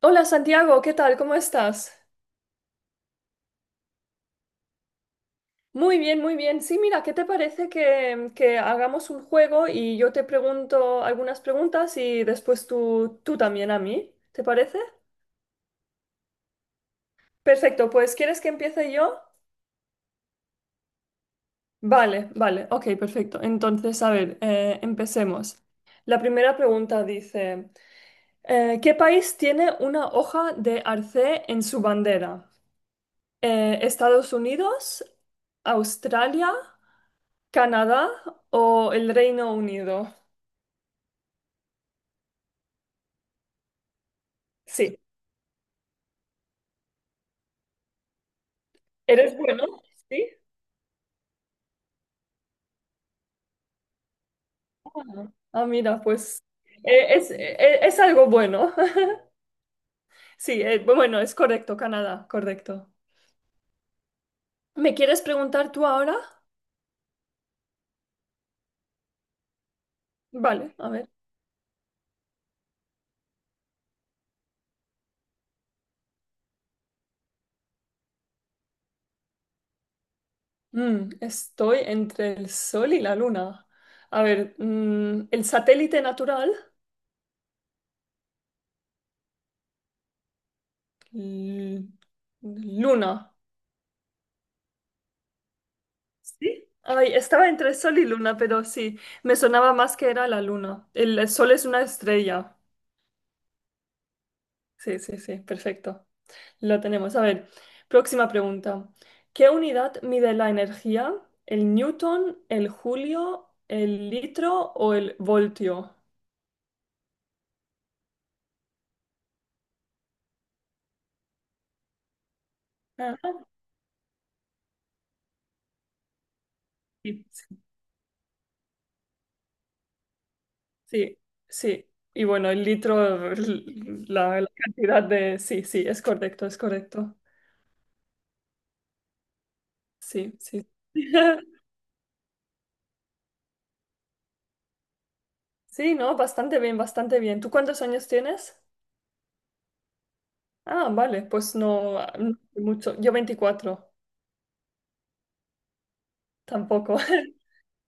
Hola Santiago, ¿qué tal? ¿Cómo estás? Muy bien, muy bien. Sí, mira, ¿qué te parece que hagamos un juego y yo te pregunto algunas preguntas y después tú también a mí? ¿Te parece? Perfecto, pues ¿quieres que empiece yo? Vale, vale, ok, perfecto. Entonces, a ver, empecemos. La primera pregunta dice, ¿qué país tiene una hoja de arce en su bandera? ¿Estados Unidos? ¿Australia? ¿Canadá o el Reino Unido? Sí. ¿Eres bueno? Sí. Ah, ah, mira, pues es algo bueno. Sí, bueno, es correcto, Canadá, correcto. ¿Me quieres preguntar tú ahora? Vale, a ver. Estoy entre el Sol y la Luna. A ver, el satélite natural, l- Luna. ¿Sí? Ay, estaba entre Sol y Luna, pero sí, me sonaba más que era la Luna. El Sol es una estrella. Sí, sí, sí, perfecto. Lo tenemos. A ver, próxima pregunta. ¿Qué unidad mide la energía? ¿El newton, el julio, el litro o el voltio? Ah, sí, sí, sí. Y bueno, el litro, la cantidad de. Sí, sí, es correcto, es correcto. Sí, sí. Sí, ¿no? Bastante bien, bastante bien. ¿Tú cuántos años tienes? Ah, vale, pues no, no mucho. Yo 24, tampoco.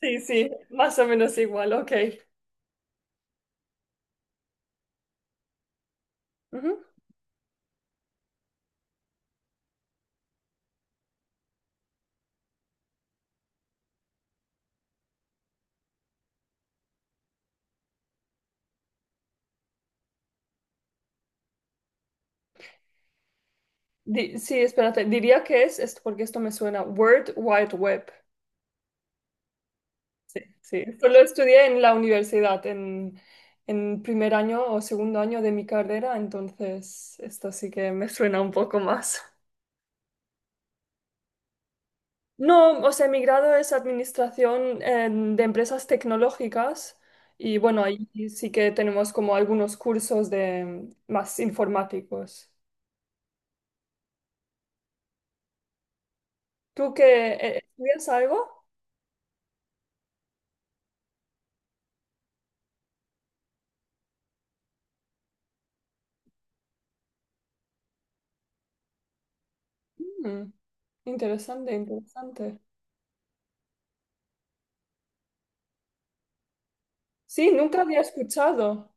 Sí, sí, más o menos igual, ok. Ujú. Sí, espérate, diría que es, esto, porque esto me suena, World Wide Web. Sí, sí, esto lo estudié en la universidad, en, primer año o segundo año de mi carrera, entonces esto sí que me suena un poco más. No, o sea, mi grado es administración de empresas tecnológicas y bueno, ahí sí que tenemos como algunos cursos de más informáticos. ¿Tú que estudias algo? Mm. Interesante, interesante. Sí, nunca había escuchado.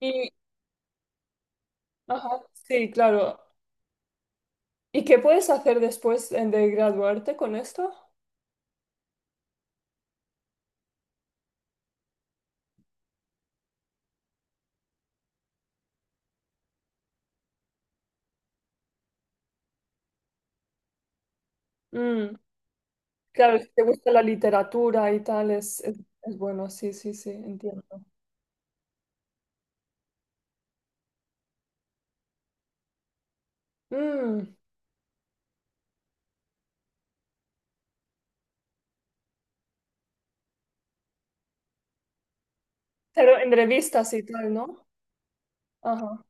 Y, ajá, sí, claro. ¿Y qué puedes hacer después de graduarte con esto? Mm, claro, si te gusta la literatura y tal, es bueno, sí, sí, sí, entiendo. Mm, pero en revistas y tal, ¿no? Ajá.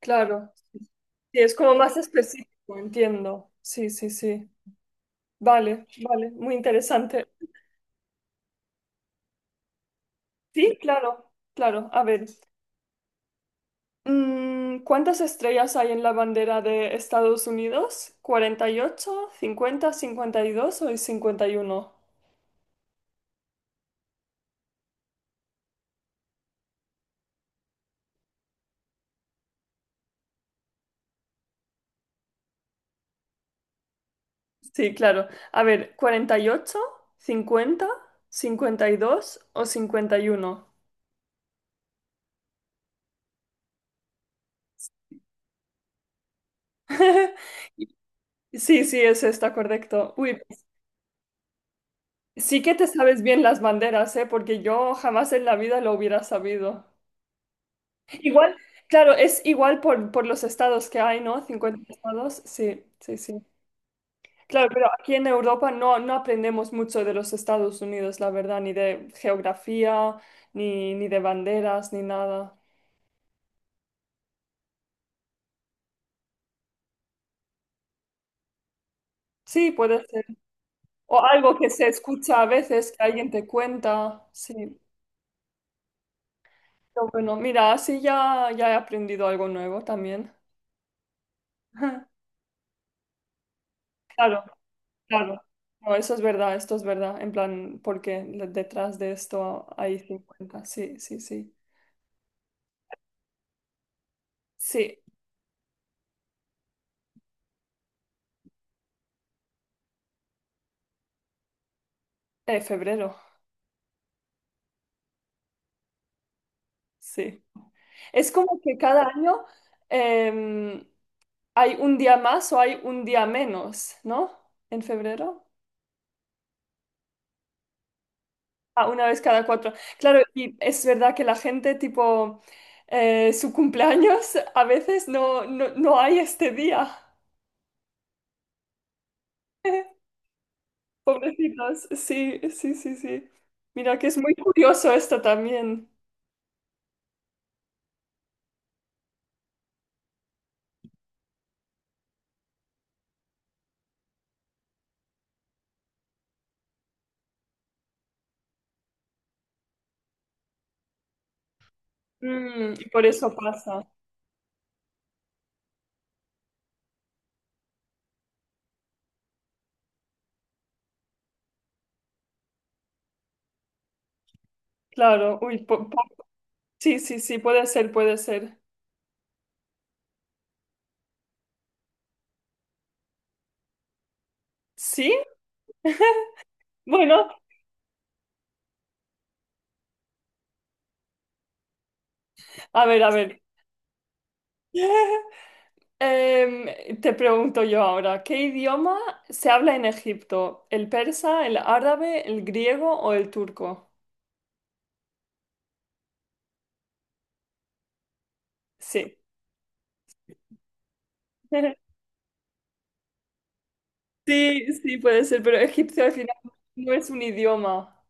Claro. Sí, es como más específico, entiendo. Sí, sí, sí. Vale, vale, muy interesante. Sí, claro, claro. A ver, ¿cuántas estrellas hay en la bandera de Estados Unidos? Cuarenta y ocho, 50, 52 o 51. Sí, claro. A ver, 48, 50, cincuenta y dos o 51. Sí, sí, es esta, correcto. Uy, sí que te sabes bien las banderas, ¿eh? Porque yo jamás en la vida lo hubiera sabido. Igual, claro, es igual por los estados que hay, ¿no? 50 estados, sí, sí, sí. Claro, pero aquí en Europa no, no aprendemos mucho de los Estados Unidos, la verdad, ni de geografía, ni, ni de banderas, ni nada. Sí, puede ser. O algo que se escucha a veces, que alguien te cuenta, sí. Pero bueno, mira, así ya, ya he aprendido algo nuevo también. Claro. Claro, no, eso es verdad, esto es verdad, en plan, porque detrás de esto hay 50, sí, sí, sí. Sí, febrero, sí. Es como que cada año em, hay un día más o hay un día menos, ¿no? En febrero. Ah, una vez cada cuatro. Claro, y es verdad que la gente, tipo, su cumpleaños, a veces no, no, no hay este día. Pobrecitos, sí, sí, sí, sí. Mira que es muy curioso esto también. Y por eso pasa. Claro, uy, sí, sí, sí, puede ser, puede ser. ¿Sí? Bueno, a ver, a ver. Te pregunto yo ahora, ¿qué idioma se habla en Egipto? ¿El persa, el árabe, el griego o el turco? Sí. Sí, sí, puede ser, pero egipcio al final no es un idioma.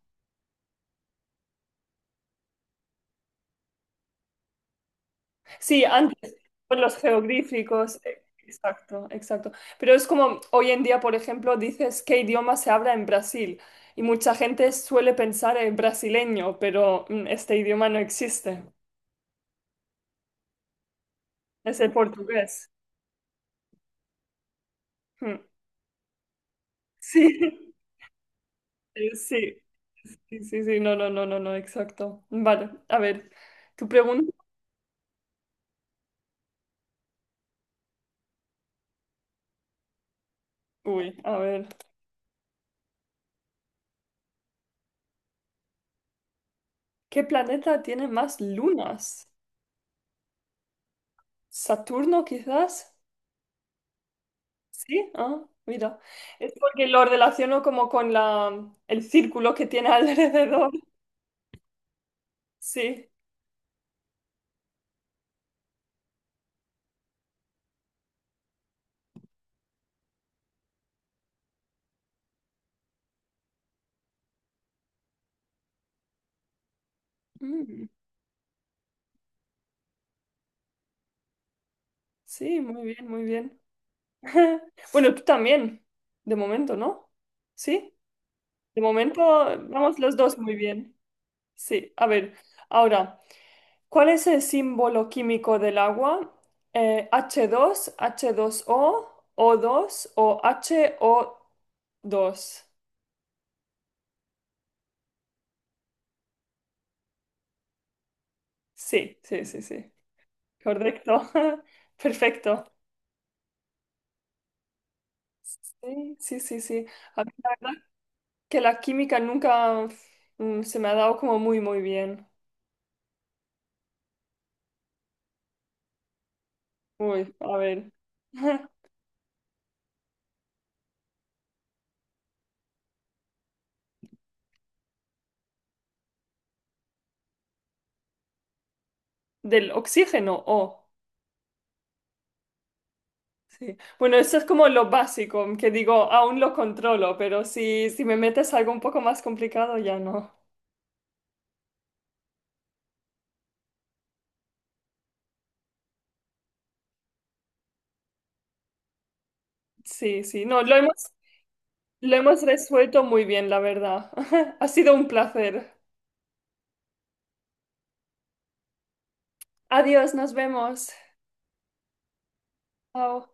Sí, antes, por los geográficos, exacto, exacto. Pero es como hoy en día, por ejemplo, dices qué idioma se habla en Brasil y mucha gente suele pensar en brasileño, pero este idioma no existe, es el portugués. Mm. Sí, sí, sí, sí, sí, no, no, no, no, no, exacto. Vale, a ver, tu pregunta, uy, a ver, ¿qué planeta tiene más lunas? ¿Saturno quizás? Sí, ah, mira. Es porque lo relaciono como con el círculo que tiene alrededor. Sí. Mm, sí, muy bien, muy bien. Bueno, tú también, de momento, ¿no? Sí, de momento vamos los dos muy bien. Sí, a ver, ahora, ¿cuál es el símbolo químico del agua? H dos, H2O, dos o dos, o H O dos. Sí, sí, sí, sí. Correcto. Perfecto. Sí, sí, sí, sí. A mí la verdad que la química nunca se me ha dado como muy, muy bien. Uy, a ver. Del oxígeno, oh. Sí. Bueno, eso es como lo básico, que digo, aún lo controlo, pero si me metes algo un poco más complicado, ya no. Sí, sí, no, lo hemos resuelto muy bien, la verdad. Ha sido un placer. Adiós, nos vemos. Chao.